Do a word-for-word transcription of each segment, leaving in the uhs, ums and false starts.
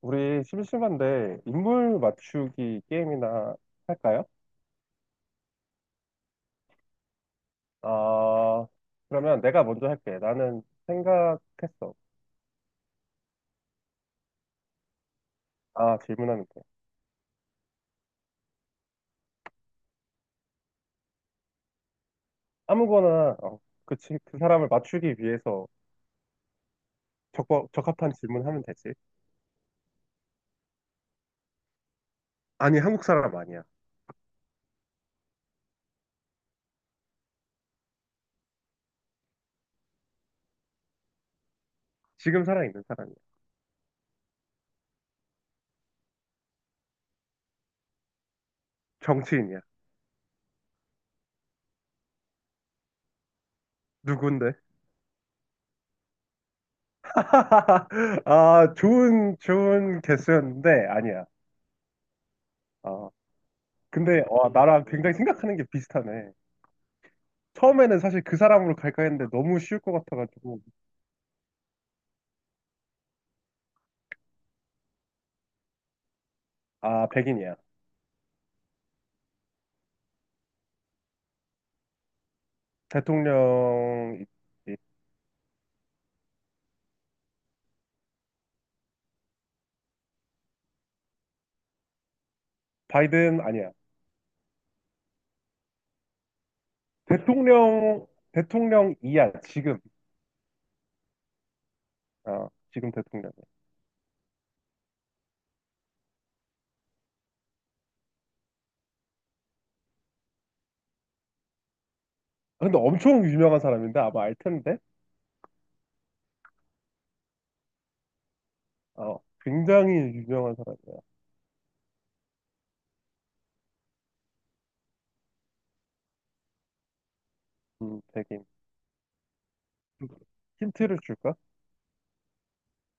우리 심심한데 인물 맞추기 게임이나 할까요? 아, 그러면 내가 먼저 할게. 나는 생각했어. 아, 질문하면 돼. 아무거나, 어, 그, 치- 그 사람을 맞추기 위해서 적, 적합한 질문하면 되지. 아니, 한국 사람 아니야. 지금 살아있는 사람이야. 정치인이야. 누군데? 아, 좋은, 좋은 개수였는데, 아니야. 아, 근데, 와, 나랑 굉장히 생각하는 게 비슷하네. 처음에는 사실 그 사람으로 갈까 했는데 너무 쉬울 것 같아가지고. 아, 백인이야. 대통령, 이- 이- 바이든 아니야. 대통령, 대통령이야, 지금. 어, 지금 대통령이야. 아, 근데 엄청 유명한 사람인데 아마 알 텐데? 어, 굉장히 유명한 사람이야. 음, 백인. 힌트를 줄까?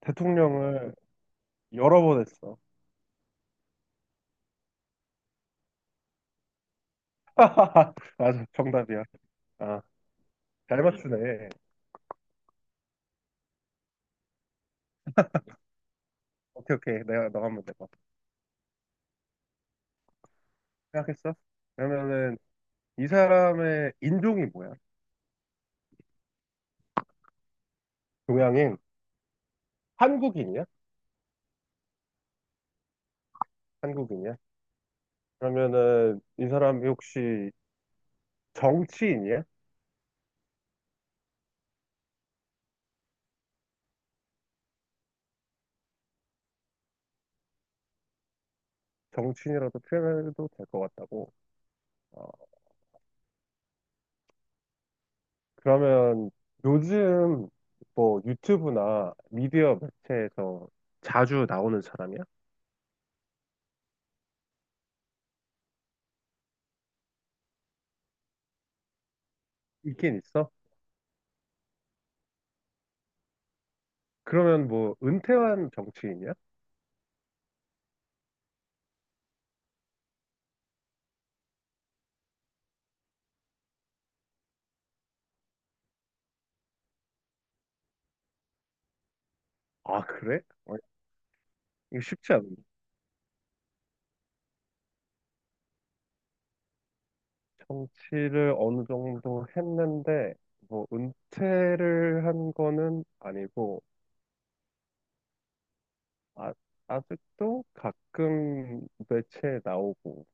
대통령을 여러 번 했어. 맞아, 정답이야. 아, 잘 맞추네. 오케이, 오케이. 내가 너 한번 내봐. 생각했어? 그러면은 이 사람의 인종이 뭐야? 동양인? 한국인이야? 한국인이야? 그러면은 이 사람이 혹시 정치인이야? 정치인이라도 표현해도 될 것 같다고. 어, 그러면 요즘 뭐 유튜브나 미디어 매체에서 자주 나오는 사람이야? 있긴 있어? 그러면 뭐 은퇴한 정치인이야? 아, 그래? 어, 이거 쉽지 않은데. 정치를 어느 정도 했는데 뭐 은퇴를 한 거는 아니고 아, 아직도 가끔 매체에 나오고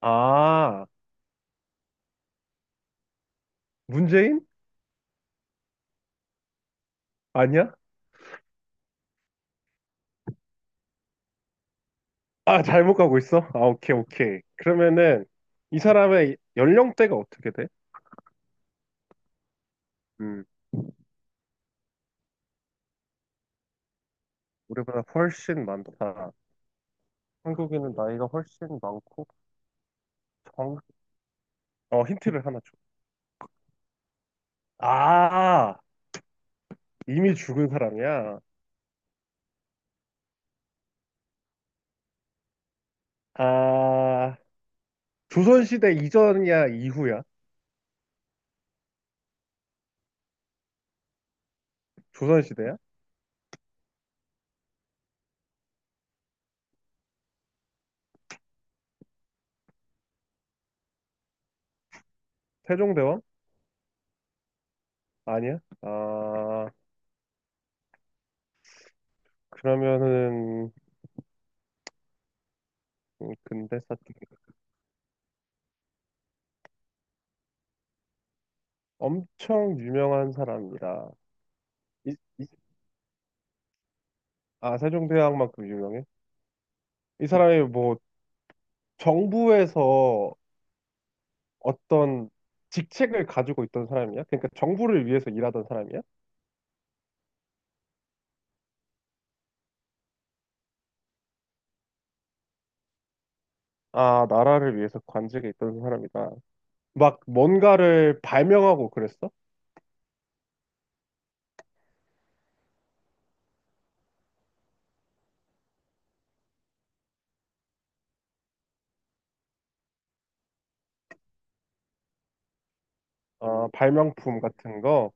아, 문재인? 아니야? 아, 잘못 가고 있어? 아, 오케이, 오케이. 그러면은, 이 사람의 연령대가 어떻게 돼? 음, 우리보다 훨씬 많다. 한국인은 나이가 훨씬 많고, 정, 어, 힌트를 하나 줘. 아, 이미 죽은 사람이야. 아, 조선시대 이전이야, 이후야? 조선시대야? 세종대왕? 아니야? 아, 그러면은, 음, 근대 사투리. 엄청 유명한 사람이라. 이, 이 아, 세종대왕만큼 유명해? 이 사람이 뭐 정부에서 어떤 직책을 가지고 있던 사람이야? 그러니까 정부를 위해서 일하던 사람이야? 아, 나라를 위해서 관직에 있던 사람이다. 막 뭔가를 발명하고 그랬어? 아, 발명품 같은 거?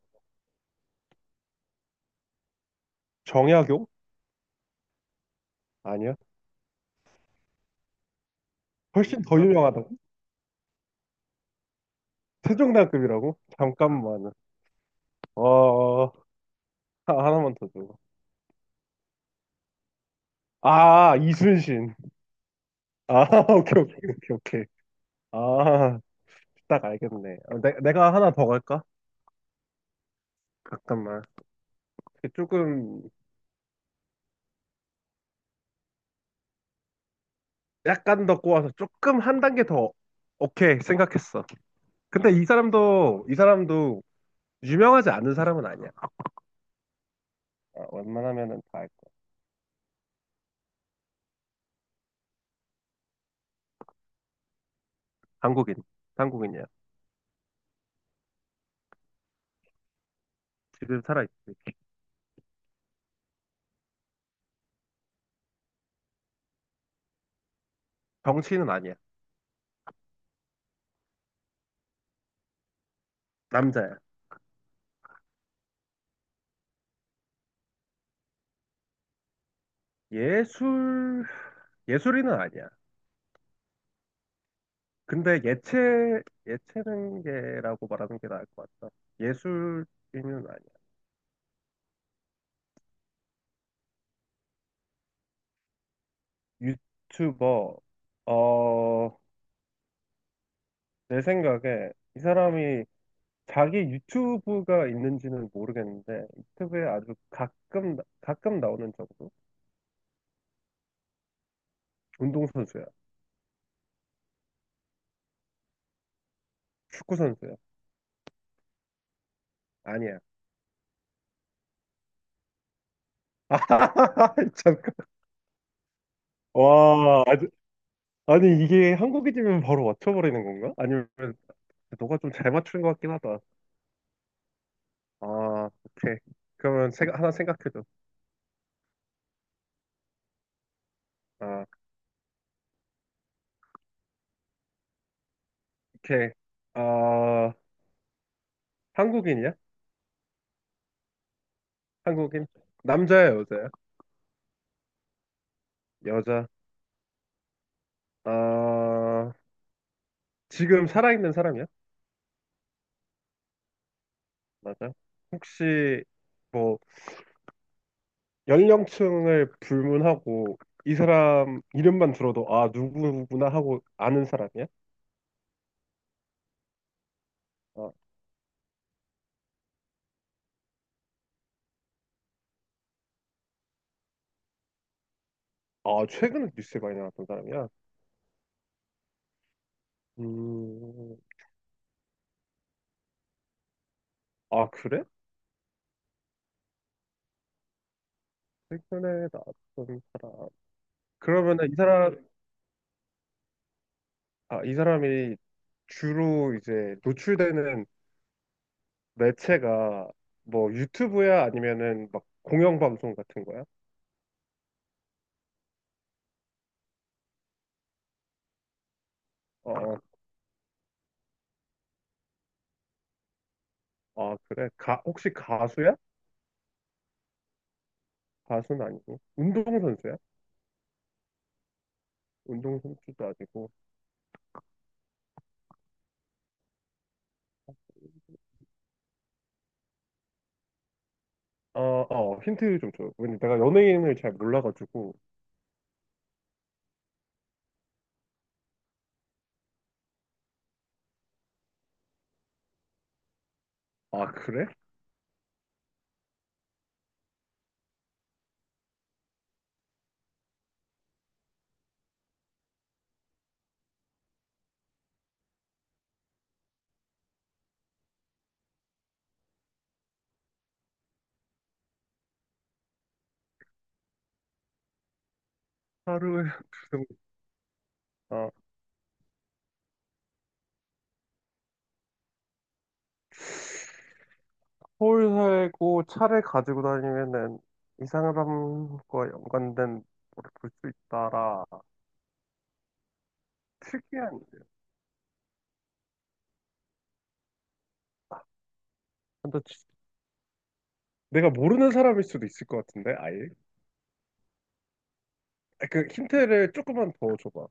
정약용? 아니야. 훨씬 더 유명하다고? 세종대왕급이라고? 잠깐만. 어, 하- 하나만 더 줘. 아, 이순신. 아, 오케이, 오케이, 오케이, 오케이. 아, 딱 알겠네. 어, 내, 내가 하나 더 갈까? 잠깐만. 이게 조금 약간 더 꼬아서 조금 한 단계 더 오케이 생각했어. 근데 이 사람도 이 사람도 유명하지 않은 사람은 아니야. 아, 웬만하면은 다 알 거야. 한국인. 한국인이야. 지금 살아있지. 정치인은 아니야. 남자야. 예술 예술인은 아니야. 근데 예체 예체능계라고 말하는 게 나을 것 같다. 예술인은 아니야. 유튜버. 어, 내 생각에 이 사람이 자기 유튜브가 있는지는 모르겠는데 유튜브에 아주 가끔 가끔 나오는 정도? 운동선수야. 축구선수야. 아니야. 아, 잠깐. 와, 아주- 아니 이게 한국인이면 바로 맞춰버리는 건가? 아니면 너가 좀 잘 맞추는 것 같긴 하다. 아, 오케이. 그러면 생각, 하나 생각해줘. 아, 오케이. 아, 한국인이야? 한국인? 남자야, 여자야? 여자. 아, 지금 살아있는 사람이야? 맞아. 혹시 뭐 연령층을 불문하고 이 사람 이름만 들어도 아 누구구나 하고 아는 사람이야? 아, 아 최근에 뉴스에 많이 나왔던 사람이야? 음, 아 그래? 최근에 나왔던 사람. 그러면은 이 사람, 아, 이 사람이 주로 이제 노출되는 매체가 뭐 유튜브야 아니면은 막 공영방송 같은 거야? 어, 어, 아 그래? 가, 혹시 가수야? 가수는 아니고 운동선수야? 운동 선수도 아니고. 아, 어, 힌트 좀 줘요. 왜냐 내가 연예인을 잘 몰라가지고. 아, 그래? 하루에 두 명. 아, 서울 살고 차를 가지고 다니면은 이 사람과 연관된 거를 볼 수 있다라. 특이한. 일이에요. 근데 지- 내가 모르는 사람일 수도 있을 것 같은데, 아예? 아, 그 힌트를 조금만 더 줘봐.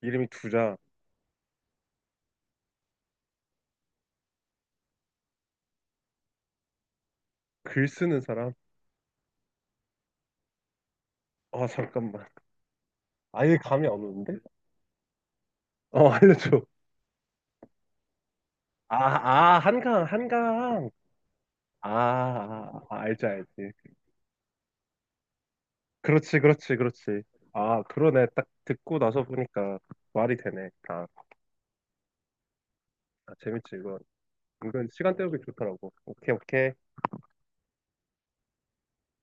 이름이 두자. 글 쓰는 사람? 아, 잠깐만. 아예 감이 안 오는데? 어, 알려줘. 아, 아, 한강, 한강. 아, 아, 아, 알지, 알지. 그렇지, 그렇지, 그렇지. 아, 그러네. 딱 듣고 나서 보니까 말이 되네. 아, 아, 재밌지, 이건. 은근 시간 때우기 좋더라고. 오케이, 오케이.